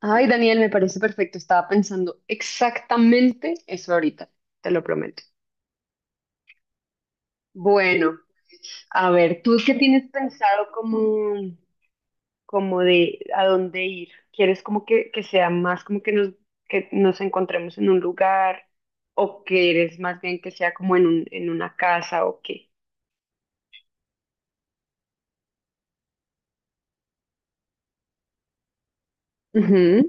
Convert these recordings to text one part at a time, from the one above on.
Ay, Daniel, me parece perfecto. Estaba pensando exactamente eso ahorita, te lo prometo. Bueno, a ver, ¿tú qué tienes pensado como, como de a dónde ir? ¿Quieres como que sea más como que que nos encontremos en un lugar o quieres más bien que sea como en en una casa o qué? Ujú,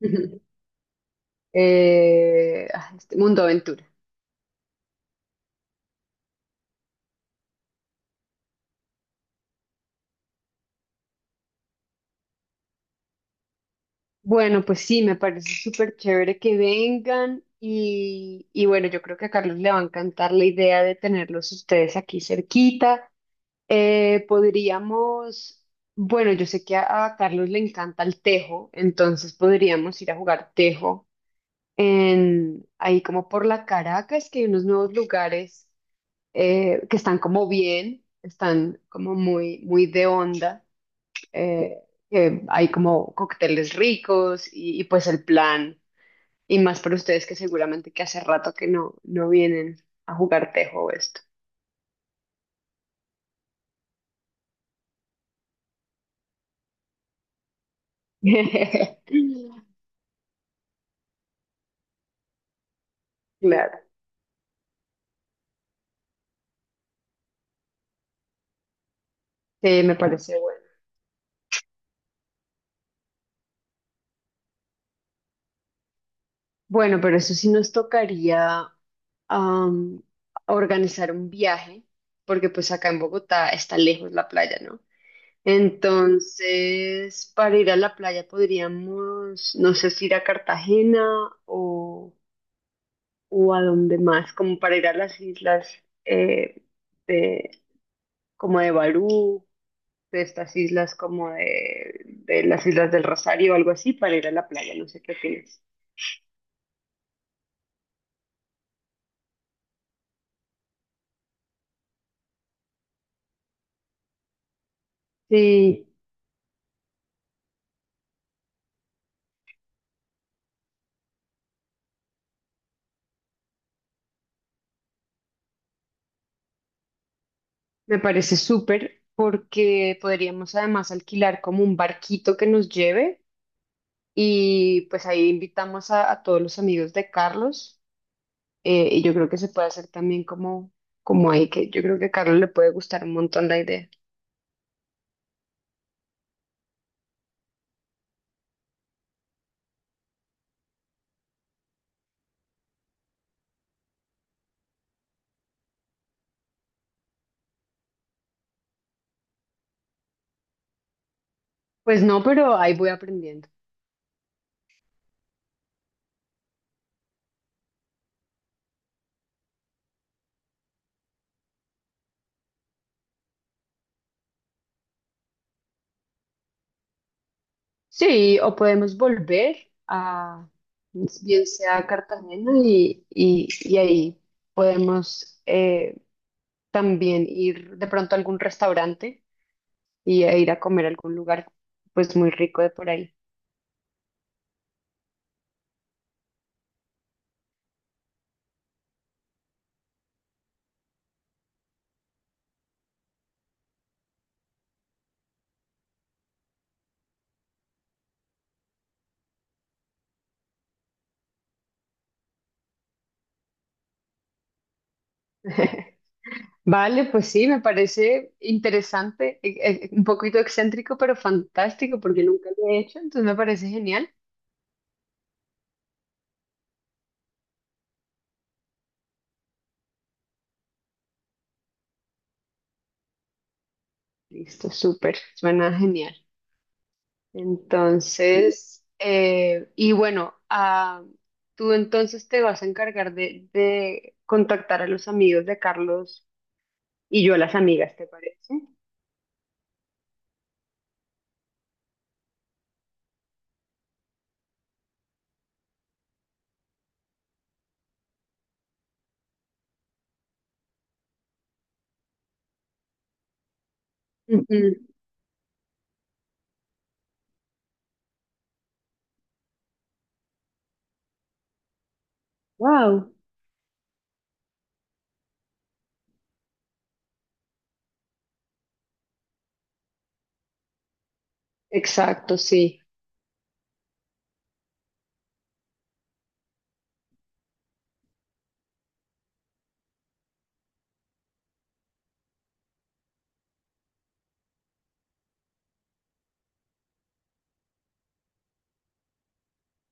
ujú. Este mundo aventura. Bueno, pues sí, me parece súper chévere que vengan y bueno, yo creo que a Carlos le va a encantar la idea de tenerlos ustedes aquí cerquita. Eh, podríamos, bueno, yo sé que a Carlos le encanta el tejo, entonces podríamos ir a jugar tejo en, ahí como por la Caracas, que hay unos nuevos lugares, que están como bien, están como muy, muy de onda, eh, que hay como cócteles ricos y pues el plan, y más para ustedes que seguramente que hace rato que no vienen a jugar tejo o esto. Claro, sí, me parece bueno. Bueno, pero eso sí nos tocaría, am, organizar un viaje, porque pues acá en Bogotá está lejos la playa, ¿no? Entonces, para ir a la playa podríamos, no sé si ir a Cartagena o... o a dónde más, como para ir a las islas, eh, de, como de Barú, de estas islas como de las Islas del Rosario o algo así, para ir a la playa, no sé qué opinas. Sí, me parece súper porque podríamos además alquilar como un barquito que nos lleve y pues ahí invitamos a todos los amigos de Carlos, y yo creo que se puede hacer también como, como ahí, que yo creo que a Carlos le puede gustar un montón la idea. Pues no, pero ahí voy aprendiendo. Sí, o podemos volver a, bien sea a Cartagena y ahí podemos, también ir de pronto a algún restaurante y a ir a comer a algún lugar pues muy rico de por ahí. Vale, pues sí, me parece interesante, un poquito excéntrico, pero fantástico porque nunca lo he hecho, entonces me parece genial. Listo, súper, suena genial. Entonces, tú entonces te vas a encargar de contactar a los amigos de Carlos y yo a las amigas, ¿te parece? Ujú. Wow, exacto, sí.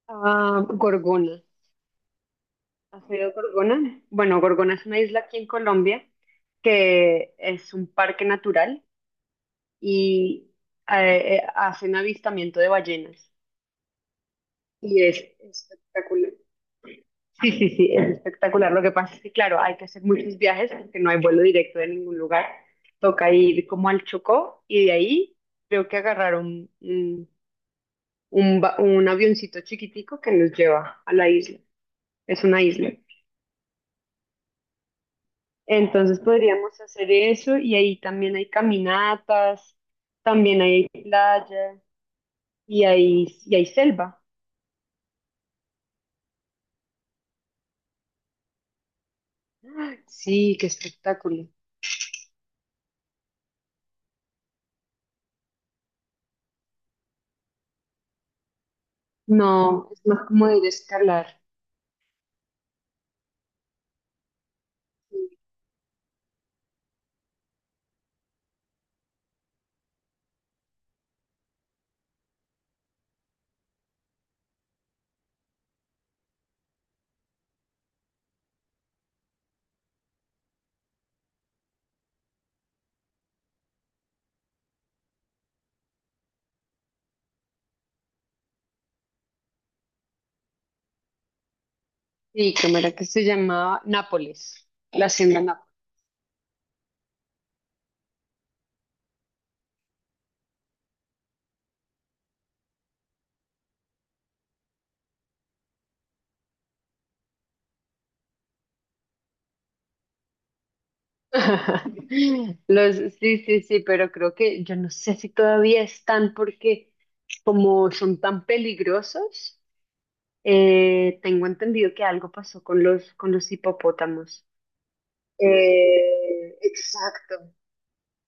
Ah, Gorgona. ¿Has oído Gorgona? Bueno, Gorgona es una isla aquí en Colombia que es un parque natural y, hacen avistamiento de ballenas y es espectacular. Sí, sí, sí, es espectacular. Lo que pasa es que, claro, hay que hacer muchos viajes porque no hay vuelo directo de ningún lugar. Toca ir como al Chocó y de ahí creo que agarrar un avioncito chiquitico que nos lleva a la isla. Es una isla. Entonces podríamos hacer eso y ahí también hay caminatas, también hay playa y y hay selva. Sí, qué espectáculo. No, es más como ir a escalar. Sí, ¿cómo era que se llamaba? Nápoles, la hacienda Nápoles. Los, sí, sí, sí, pero creo que yo no sé si todavía están porque como son tan peligrosos, tengo entendido que algo pasó con con los hipopótamos. Exacto.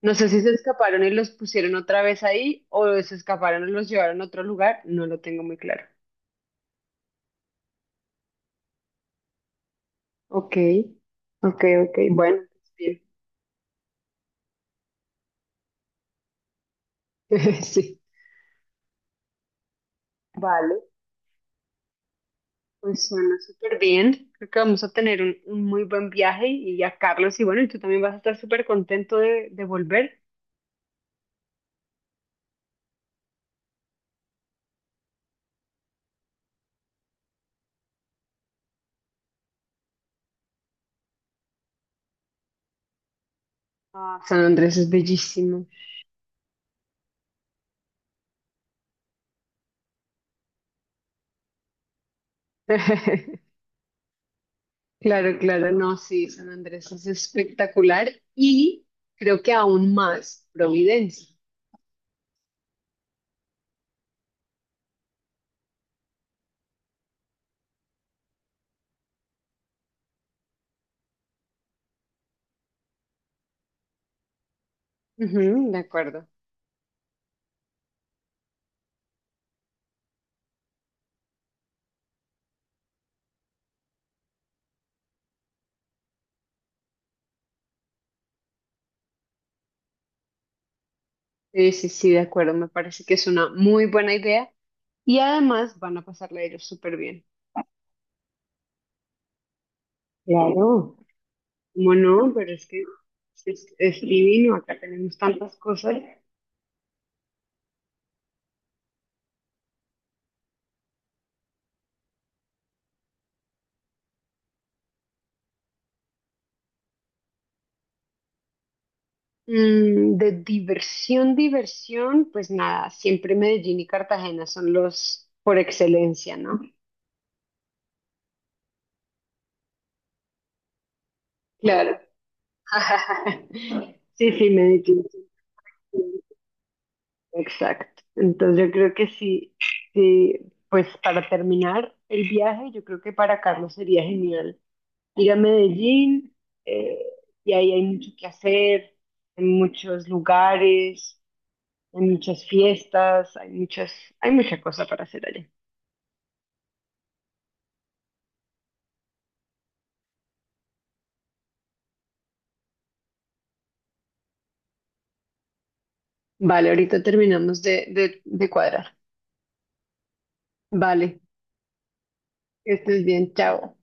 No sé si se escaparon y los pusieron otra vez ahí o se escaparon y los llevaron a otro lugar, no lo tengo muy claro. Ok, ok, ok, bueno, pues bien. Sí. Vale. Pues suena súper bien. Creo que vamos a tener un muy buen viaje y a Carlos, y bueno, y tú también vas a estar súper contento de volver. Ah, San Andrés es bellísimo. Claro, claro, no, sí, San Andrés es espectacular y creo que aún más Providencia. Ujú, de acuerdo. Sí, sí, sí, de acuerdo. Me parece que es una muy buena idea y además van a pasarla ellos súper bien. Claro. ¿Cómo no? Pero es que es divino. Acá tenemos tantas cosas. Mm, de diversión, diversión, pues nada, siempre Medellín y Cartagena son los por excelencia, ¿no? Claro. Sí, sí, Medellín. Sí, sí, exacto. Entonces yo creo que sí, sí, pues para terminar el viaje, yo creo que para Carlos sería genial ir a Medellín, eh, y ahí hay mucho que hacer, en muchos lugares, hay muchas fiestas, hay muchas, hay mucha cosa para hacer allá. Vale, ahorita terminamos de cuadrar. Vale, que estés bien, chao.